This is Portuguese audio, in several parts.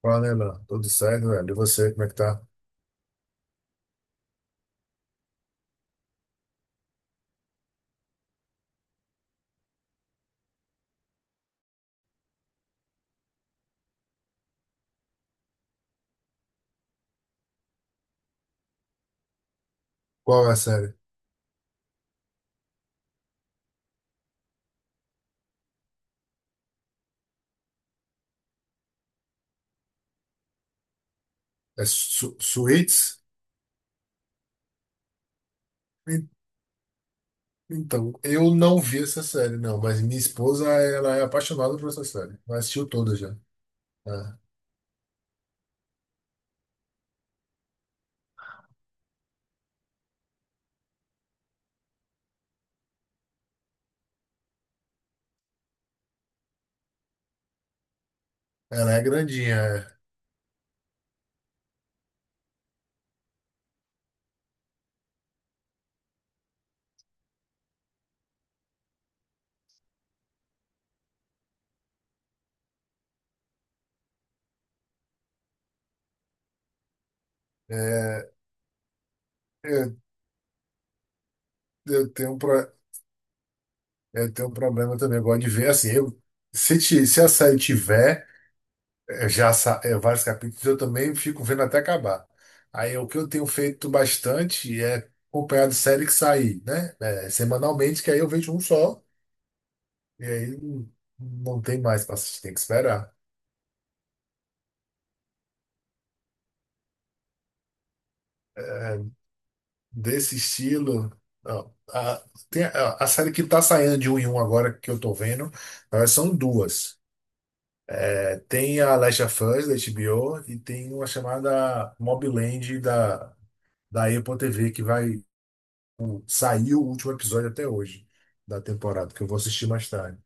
Fala, Nela. Tudo certo, velho? E você, como é que tá? Qual é a série? É Su Suits? En- Então, eu não vi essa série, não, mas minha esposa, ela é apaixonada por essa série. Ela assistiu toda já. Né? Ela é grandinha. É, É, eu, eu tenho um pro- eu tenho um problema também. Eu gosto de ver, assim, eu, se a série tiver. Eu já sa- é, Vários capítulos, eu também fico vendo até acabar. Aí o que eu tenho feito bastante é acompanhar de série que sair, né? É, semanalmente, que aí eu vejo um só, e aí não não tem mais para assistir, tem que esperar. É, desse estilo. ó, a, Tem a série que tá saindo de um em um agora que eu tô vendo, na verdade, são duas. É, tem a Last of Us da HBO e tem uma chamada Mob Land da Apple TV que vai. Saiu o último episódio até hoje da temporada, que eu vou assistir mais tarde.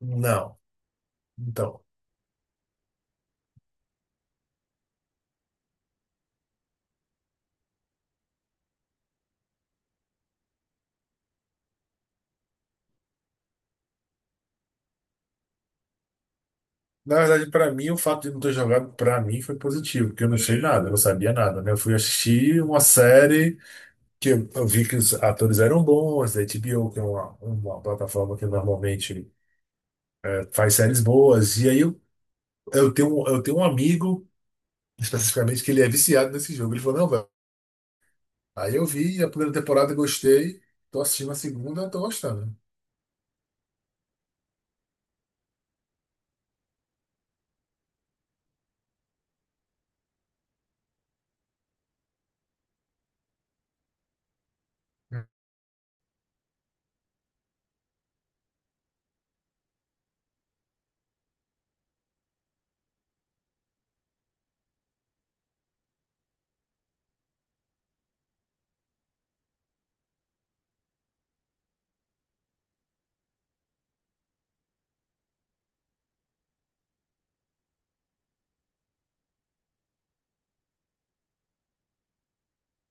Não. Então, na verdade, para mim, o fato de não ter jogado, para mim, foi positivo, porque eu não sei nada, eu não sabia nada, né? Eu fui assistir uma série que eu vi que os atores eram bons, da HBO, que é uma plataforma que normalmente faz séries boas. E aí eu tenho um amigo, especificamente, que ele é viciado nesse jogo. Ele falou, não, velho. Aí eu vi a primeira temporada, gostei, tô assistindo a segunda, tô gostando.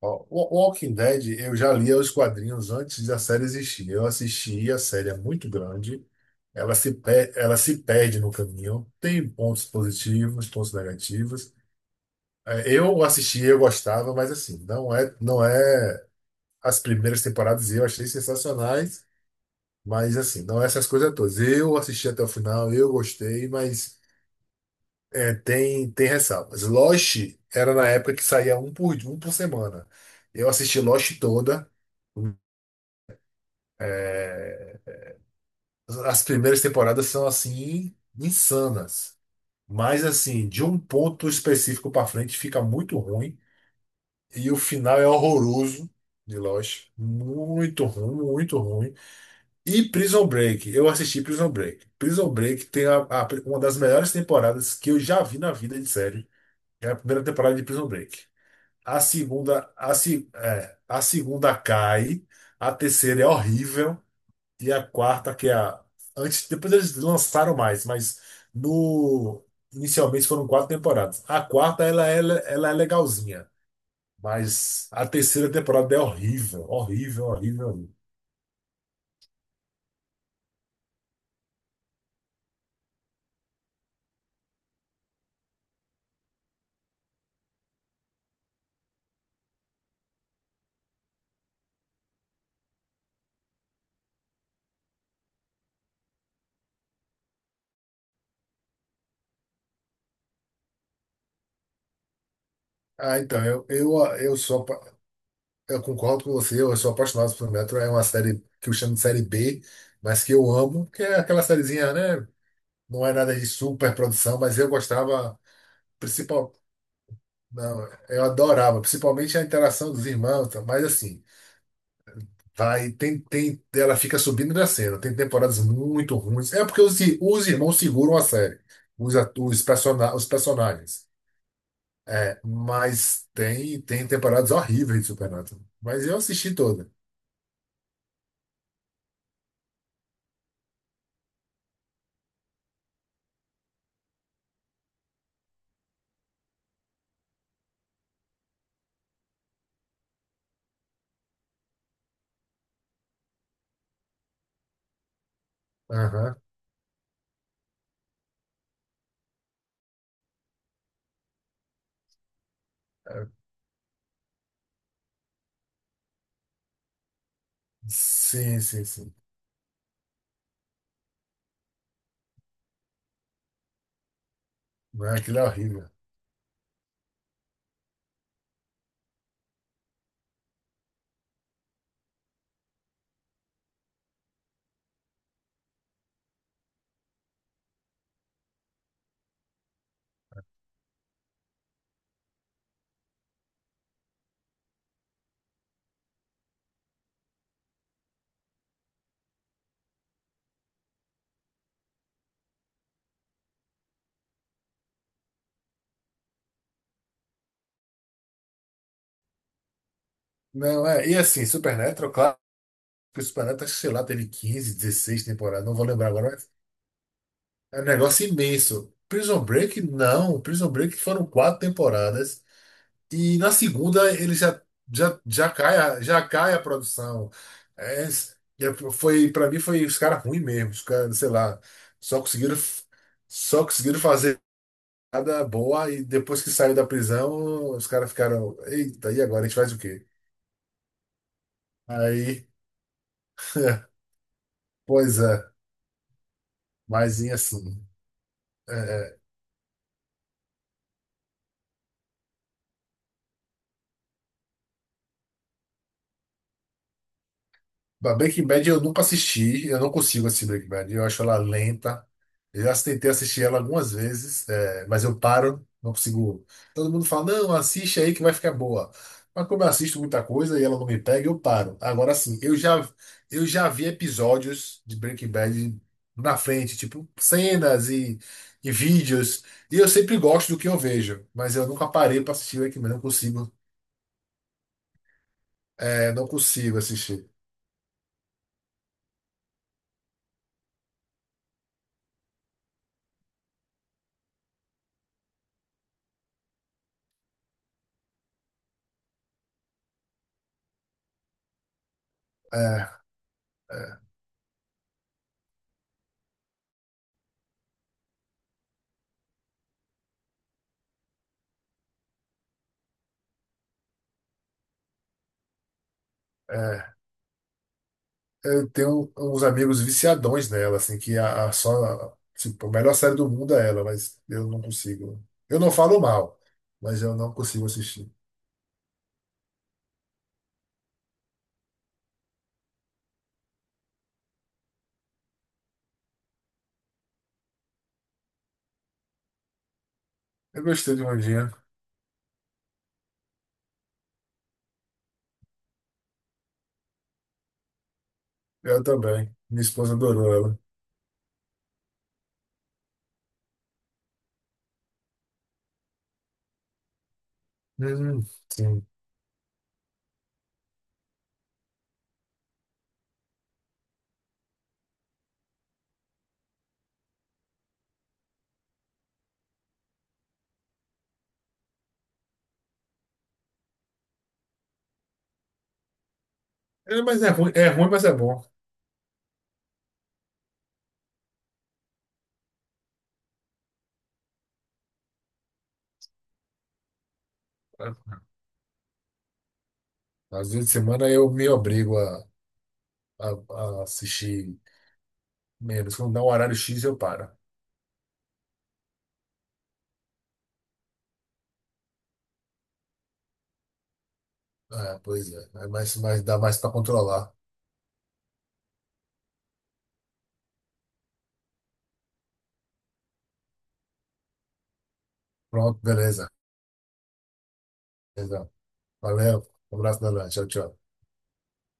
Ó, o Walking Dead, eu já lia os quadrinhos antes da série existir. Eu assisti, a série é muito grande. Ela se perde no caminho. Tem pontos positivos, pontos negativos. É, eu assisti, eu gostava, mas assim, não é, as primeiras temporadas eu achei sensacionais, mas assim, não é essas coisas todas. Eu assisti até o final, eu gostei, mas é, tem ressalvas. Lost era na época que saía um por um por semana. Eu assisti Lost toda. É, as primeiras temporadas são assim insanas, mas assim, de um ponto específico para frente fica muito ruim. E o final é horroroso de Lost. Muito ruim, muito ruim. E Prison Break. Eu assisti Prison Break. Prison Break tem uma das melhores temporadas que eu já vi na vida de série. É a primeira temporada de Prison Break. A segunda, a, se- é, A segunda cai. A terceira é horrível. E a quarta, que é a. Antes, depois eles lançaram mais, mas no. Inicialmente foram quatro temporadas. A quarta, ela é legalzinha. Mas a terceira temporada é horrível, horrível, horrível, horrível. Ah, então, eu sou, eu concordo com você, eu sou apaixonado por Metro, é uma série que eu chamo de série B, mas que eu amo, que é aquela sériezinha, né? Não é nada de super produção, mas eu gostava, principal, não, eu adorava, principalmente a interação dos irmãos, tá? Mas assim, vai, tem, ela fica subindo e descendo, tem temporadas muito ruins, é porque os irmãos seguram a série, os personagens. É, mas tem temporadas horríveis de Supernatural. Mas eu assisti toda. Aham. É. Sim, sim, sim. Não, é? Aquilo é horrível. Não, é. E assim, Supernatural, claro que o Supernatural, sei lá, teve 15, 16 temporadas, não vou lembrar agora, mas é um negócio imenso. Prison Break, não. Prison Break foram quatro temporadas. E na segunda já cai, já cai a produção. É, Para mim foi os caras ruins mesmo, os caras, sei lá, só conseguiram fazer nada boa e depois que saiu da prisão, os caras ficaram, eita, e agora a gente faz o quê? Aí, pois é, mais assim. é, é, Breaking Bad eu nunca assisti, eu não consigo assistir Breaking Bad, eu acho ela lenta. Eu já tentei assistir ela algumas vezes, é, mas eu paro, não consigo. Todo mundo fala, não, assiste aí que vai ficar boa. Mas como eu assisto muita coisa e ela não me pega, eu paro. Agora sim, eu já vi episódios de Breaking Bad na frente, tipo cenas e vídeos, e eu sempre gosto do que eu vejo, mas eu nunca parei para assistir Breaking Bad, não consigo. É, não consigo assistir. É, é. é. Eu tenho uns amigos viciadões nela, assim, que a só, tipo, a melhor série do mundo é ela, mas eu não consigo. Eu não falo mal, mas eu não consigo assistir. Eu gostei de Vandinha. Eu também. Minha esposa adorou ela. Hum, sim. É, mas é ruim, mas é bom. Às vezes de semana eu me obrigo a, a assistir menos. Quando dá um horário X, eu paro. É, pois é. É mais, dá mais para controlar. Pronto, beleza. Beleza. Valeu. Um abraço, Nana. Tchau, tchau.